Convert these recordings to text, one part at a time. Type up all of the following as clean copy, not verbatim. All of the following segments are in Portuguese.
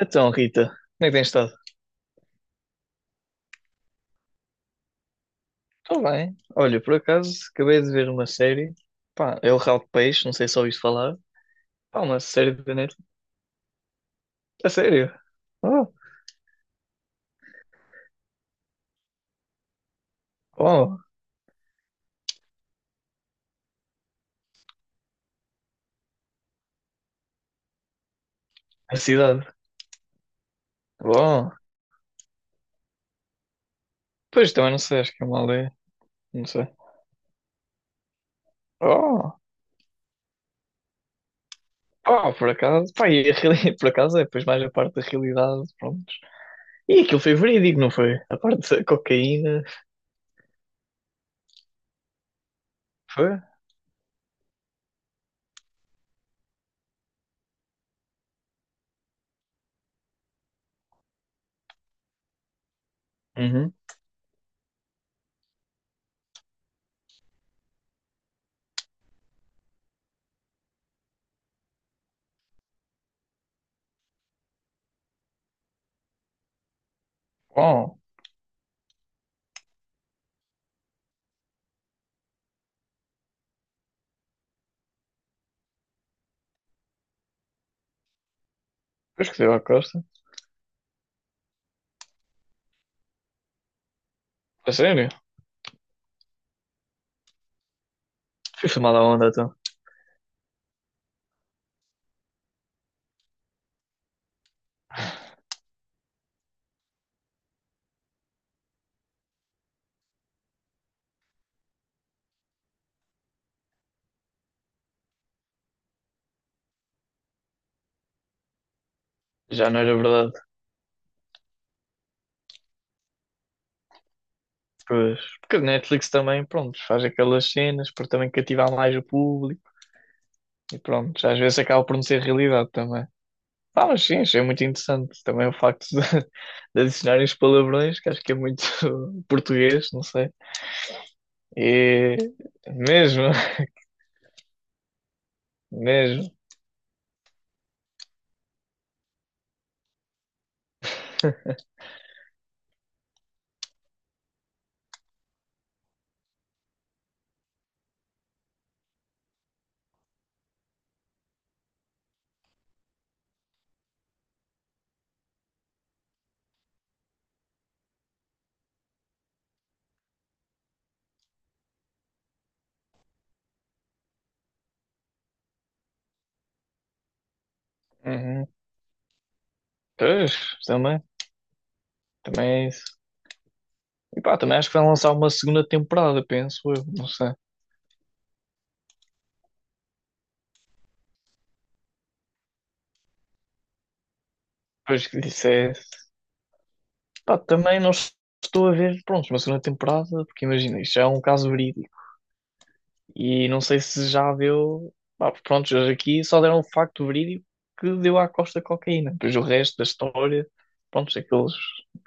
Então, Rita, como é que tens estado? Estou bem. Olha, por acaso, acabei de ver uma série. Pá, é o Ralo de Peixe, não sei se ouviste falar. Pá, uma série da Netflix. A sério? Oh, oh, a cidade. Bom. Pois, também não sei, acho que é uma aldeia. Não sei. Oh, oh, por acaso. Pá, por acaso é depois mais a parte da realidade, pronto. E aquilo foi verídico, não foi? A parte da cocaína, foi? Uhum. Oh, pois que deu à costa. A sério? Foi filmada a onda, então. Já não era verdade. Pois, porque a Netflix também, pronto, faz aquelas cenas para também cativar mais o público e pronto, já às vezes acaba por não ser realidade também. Ah, mas sim, achei muito interessante também o facto de, de adicionarem os palavrões, que acho que é muito português, não sei. E mesmo, mesmo. Uhum. Pois, também, também é isso. E pá, também acho que vai lançar uma segunda temporada, penso eu, não sei. Pois que isso é. Pá, também não estou a ver, pronto, uma segunda temporada, porque imagina, isto já é um caso verídico. E não sei se já deu. Pá, pronto, eles aqui só deram o facto verídico que deu à Costa cocaína. Depois o resto da história, pronto, aqueles,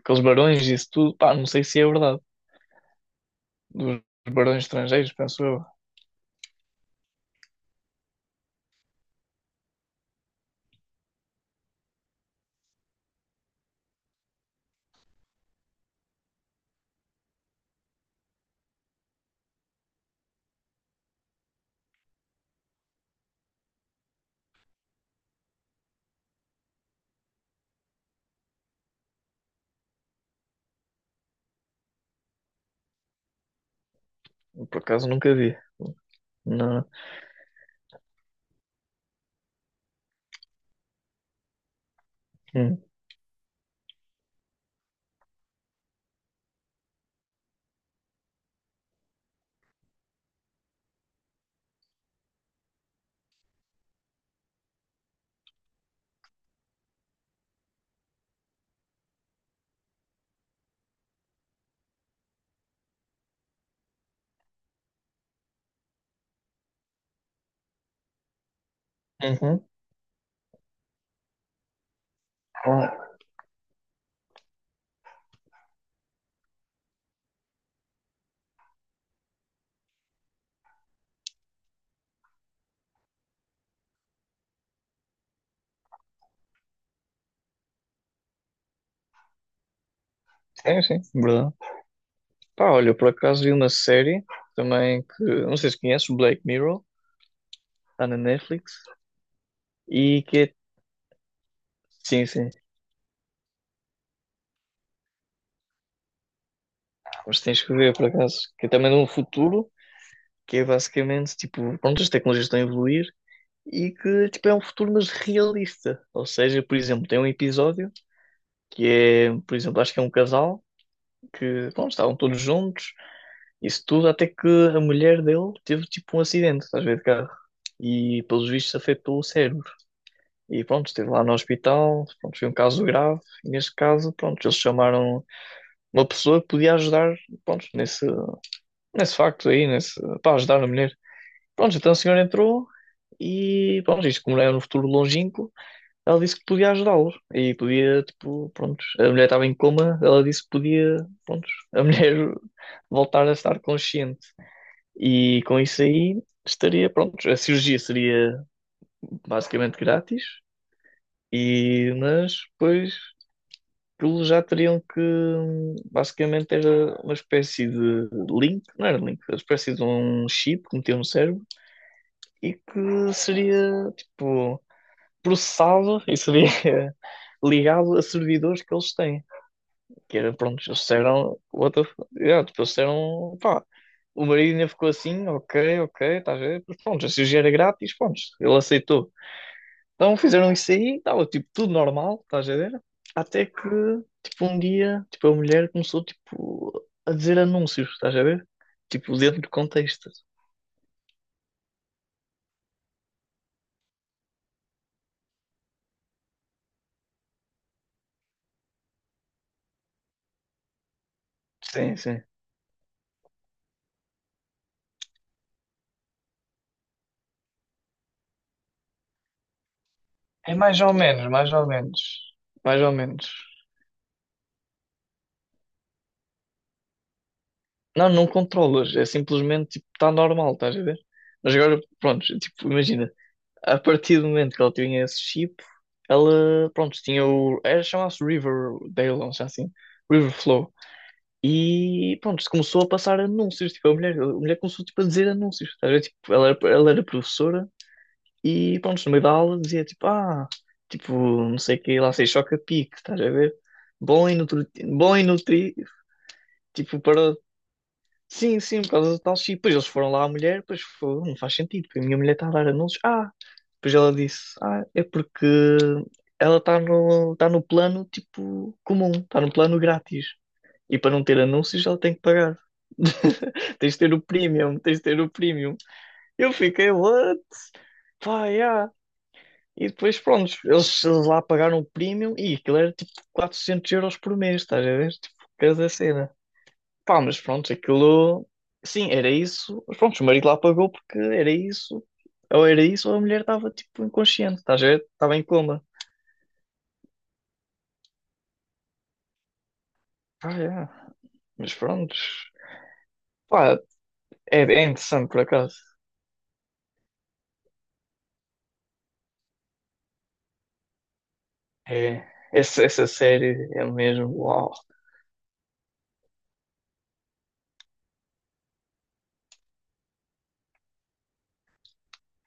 aqueles barões e isso tudo, pá, não sei se é verdade. Dos barões estrangeiros, penso eu. Por acaso nunca vi. Não. Hum. Uhum. Ah, sim, sim, verdade. Pá, olha, eu por acaso vi uma série também que, não sei se conheces, Black Mirror, está na Netflix, e que é. Sim, sim, mas tens que ver por acaso, que é também de um futuro. Que é basicamente, tipo, pronto, as tecnologias estão a evoluir e que, tipo, é um futuro mas realista. Ou seja, por exemplo, tem um episódio que é, por exemplo, acho que é um casal que, pronto, estavam todos juntos, isso tudo, até que a mulher dele teve, tipo, um acidente, estás a ver, de carro. E, pelos vistos, afetou o cérebro. E, pronto, esteve lá no hospital, pronto, foi um caso grave. E, neste caso, pronto, eles chamaram uma pessoa que podia ajudar, pronto, nesse facto aí, para ajudar a mulher. Pronto, então a senhora entrou e, pronto, isto como não é no futuro longínquo, ela disse que podia ajudá-los. E podia, tipo, pronto, a mulher estava em coma, ela disse que podia, pronto, a mulher voltar a estar consciente. E com isso aí estaria, pronto, a cirurgia seria basicamente grátis, e, mas depois aquilo já teriam que, basicamente era uma espécie de link, não era link, uma espécie de um chip que metiam no cérebro e que seria, tipo processado e seria ligado a servidores que eles têm. Que era, pronto, eles disseram, yeah, tipo, eles disseram, pá, o marido ainda ficou assim, ok, ok, estás a ver? Mas pronto, se o dinheiro era grátis, pronto, ele aceitou. Então fizeram isso aí, estava tipo tudo normal, estás a ver? Até que, tipo, um dia, tipo, a mulher começou, tipo, a dizer anúncios, estás a ver? Tipo, dentro do contexto. Sim, sim. É mais ou menos, mais ou menos. Mais ou menos. Não, não controlas, é simplesmente tipo, está normal, estás a ver? Mas agora, pronto, tipo, imagina, a partir do momento que ela tinha esse chip, ela, pronto, tinha o. Era chamava-se Riverdale, não sei assim, Riverflow. E pronto, começou a passar anúncios, tipo, a mulher começou tipo, a dizer anúncios, estás a ver? Tipo, ela era professora e pronto, no meio da aula dizia tipo, ah, tipo, não sei o que, lá sei, choca-pique, estás a ver? Bom e nutri, tipo, para sim, sim, por causa do tal chip. Depois eles foram lá à mulher, pois foi, não faz sentido, porque a minha mulher está a dar anúncios. Ah, depois ela disse, ah, é porque ela está no, tá no plano tipo comum, está no plano grátis. E para não ter anúncios ela tem que pagar. Tens de ter o premium, tens de ter o premium. Eu fiquei, what? Pá, yeah. E depois, pronto, eles lá pagaram o premium e aquilo era tipo 400 euros por mês, estás a ver? Tipo, cada cena. Pá, mas pronto, aquilo. Sim, era isso. Mas pronto, o marido lá pagou porque era isso. Ou era isso, ou a mulher estava tipo inconsciente, estás a ver? Estava em coma. Pá, é. Mas pronto. Pá, é interessante por acaso. É. Essa série é mesmo. Uau.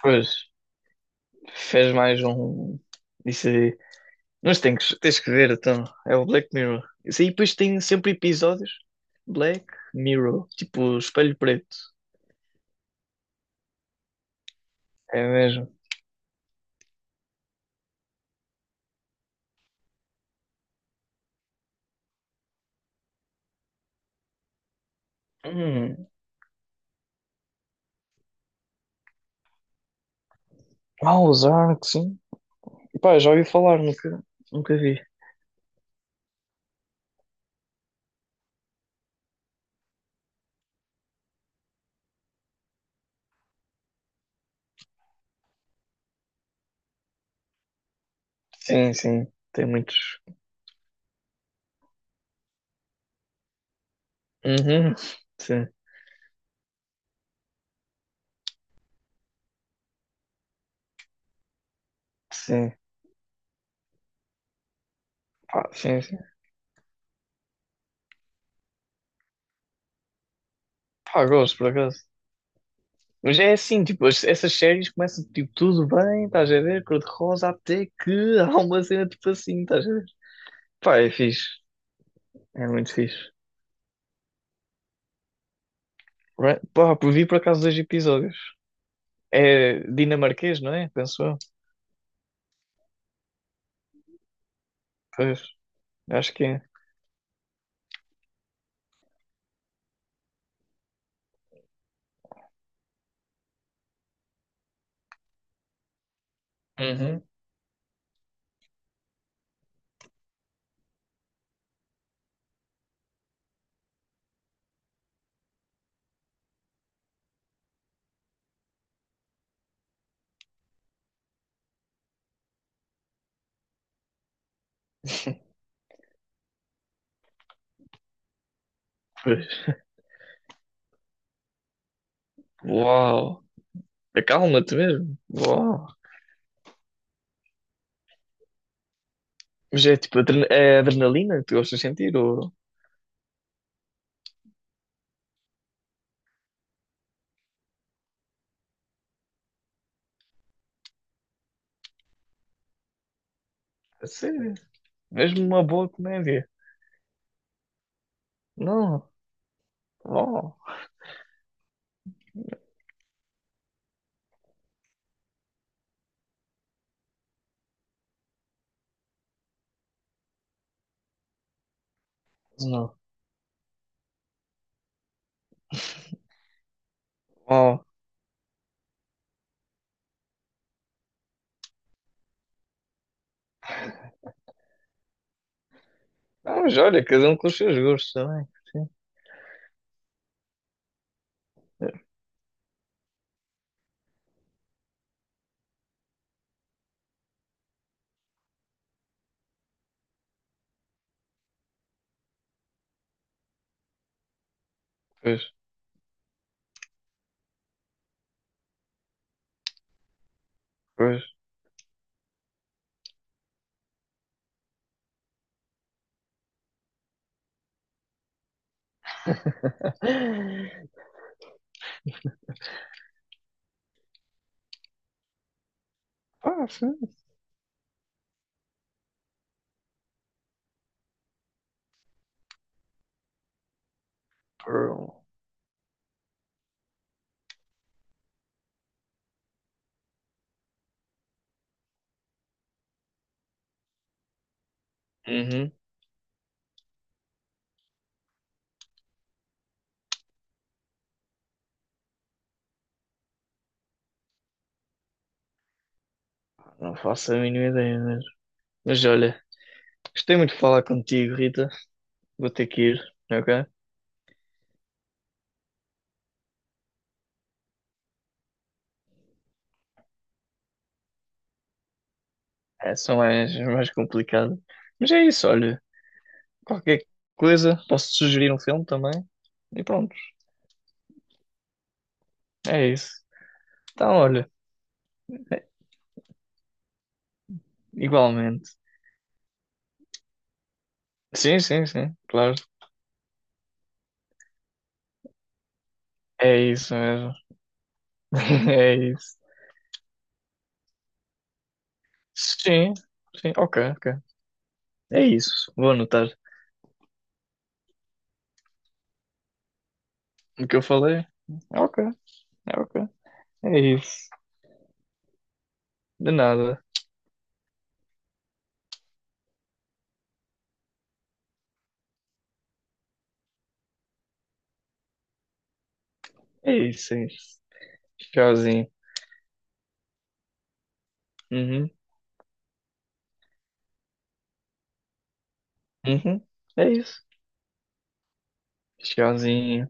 Pois, fez mais um. Isso aí. Mas tens que ver, então. É o Black Mirror. Isso aí depois tem sempre episódios. Black Mirror. Tipo, espelho preto. É mesmo. Hum. Ah, os arcos. Sim. Pá, já ouvi falar, nunca vi. Sim, sim, tem muitos. Uhum. Sim, sim, sim, sim. Pá, gosto, por acaso. Mas é assim, tipo, essas séries começam, tipo, tudo bem, estás a ver, cor-de-rosa, até que há uma cena, tipo, assim, estás a ver. Pá, é fixe, é muito fixe. Vi por acaso dois episódios. É dinamarquês, não é? Penso eu. Pois, acho que é. Uhum. Pois. Uau. Acalma-te mesmo. Uau. Mas é tipo é adrenalina que tu gostas de sentir? Ou... A sério? Mesmo uma boa comédia? Não. Oh, não. Oh. Não, mas olha, cada um com os seus gostos também. Sim. É, pois, pois. Pá, sim. Por- Uhum. Não faço a mínima ideia mesmo. Mas olha, gostei muito de falar contigo, Rita. Vou ter que ir, ok? É, são mais complicado. Mas é isso, olha. Qualquer coisa, posso sugerir um filme também. E pronto, é isso. Então, olha, igualmente. Sim, sim, sim, claro. É isso mesmo. É isso. Sim, sim, ok, ok. É isso. Vou anotar o que eu falei. Ok, ok. É isso. De nada. É isso, é isso. Tchauzinho. Uhum, uhum. É isso. Tchauzinho.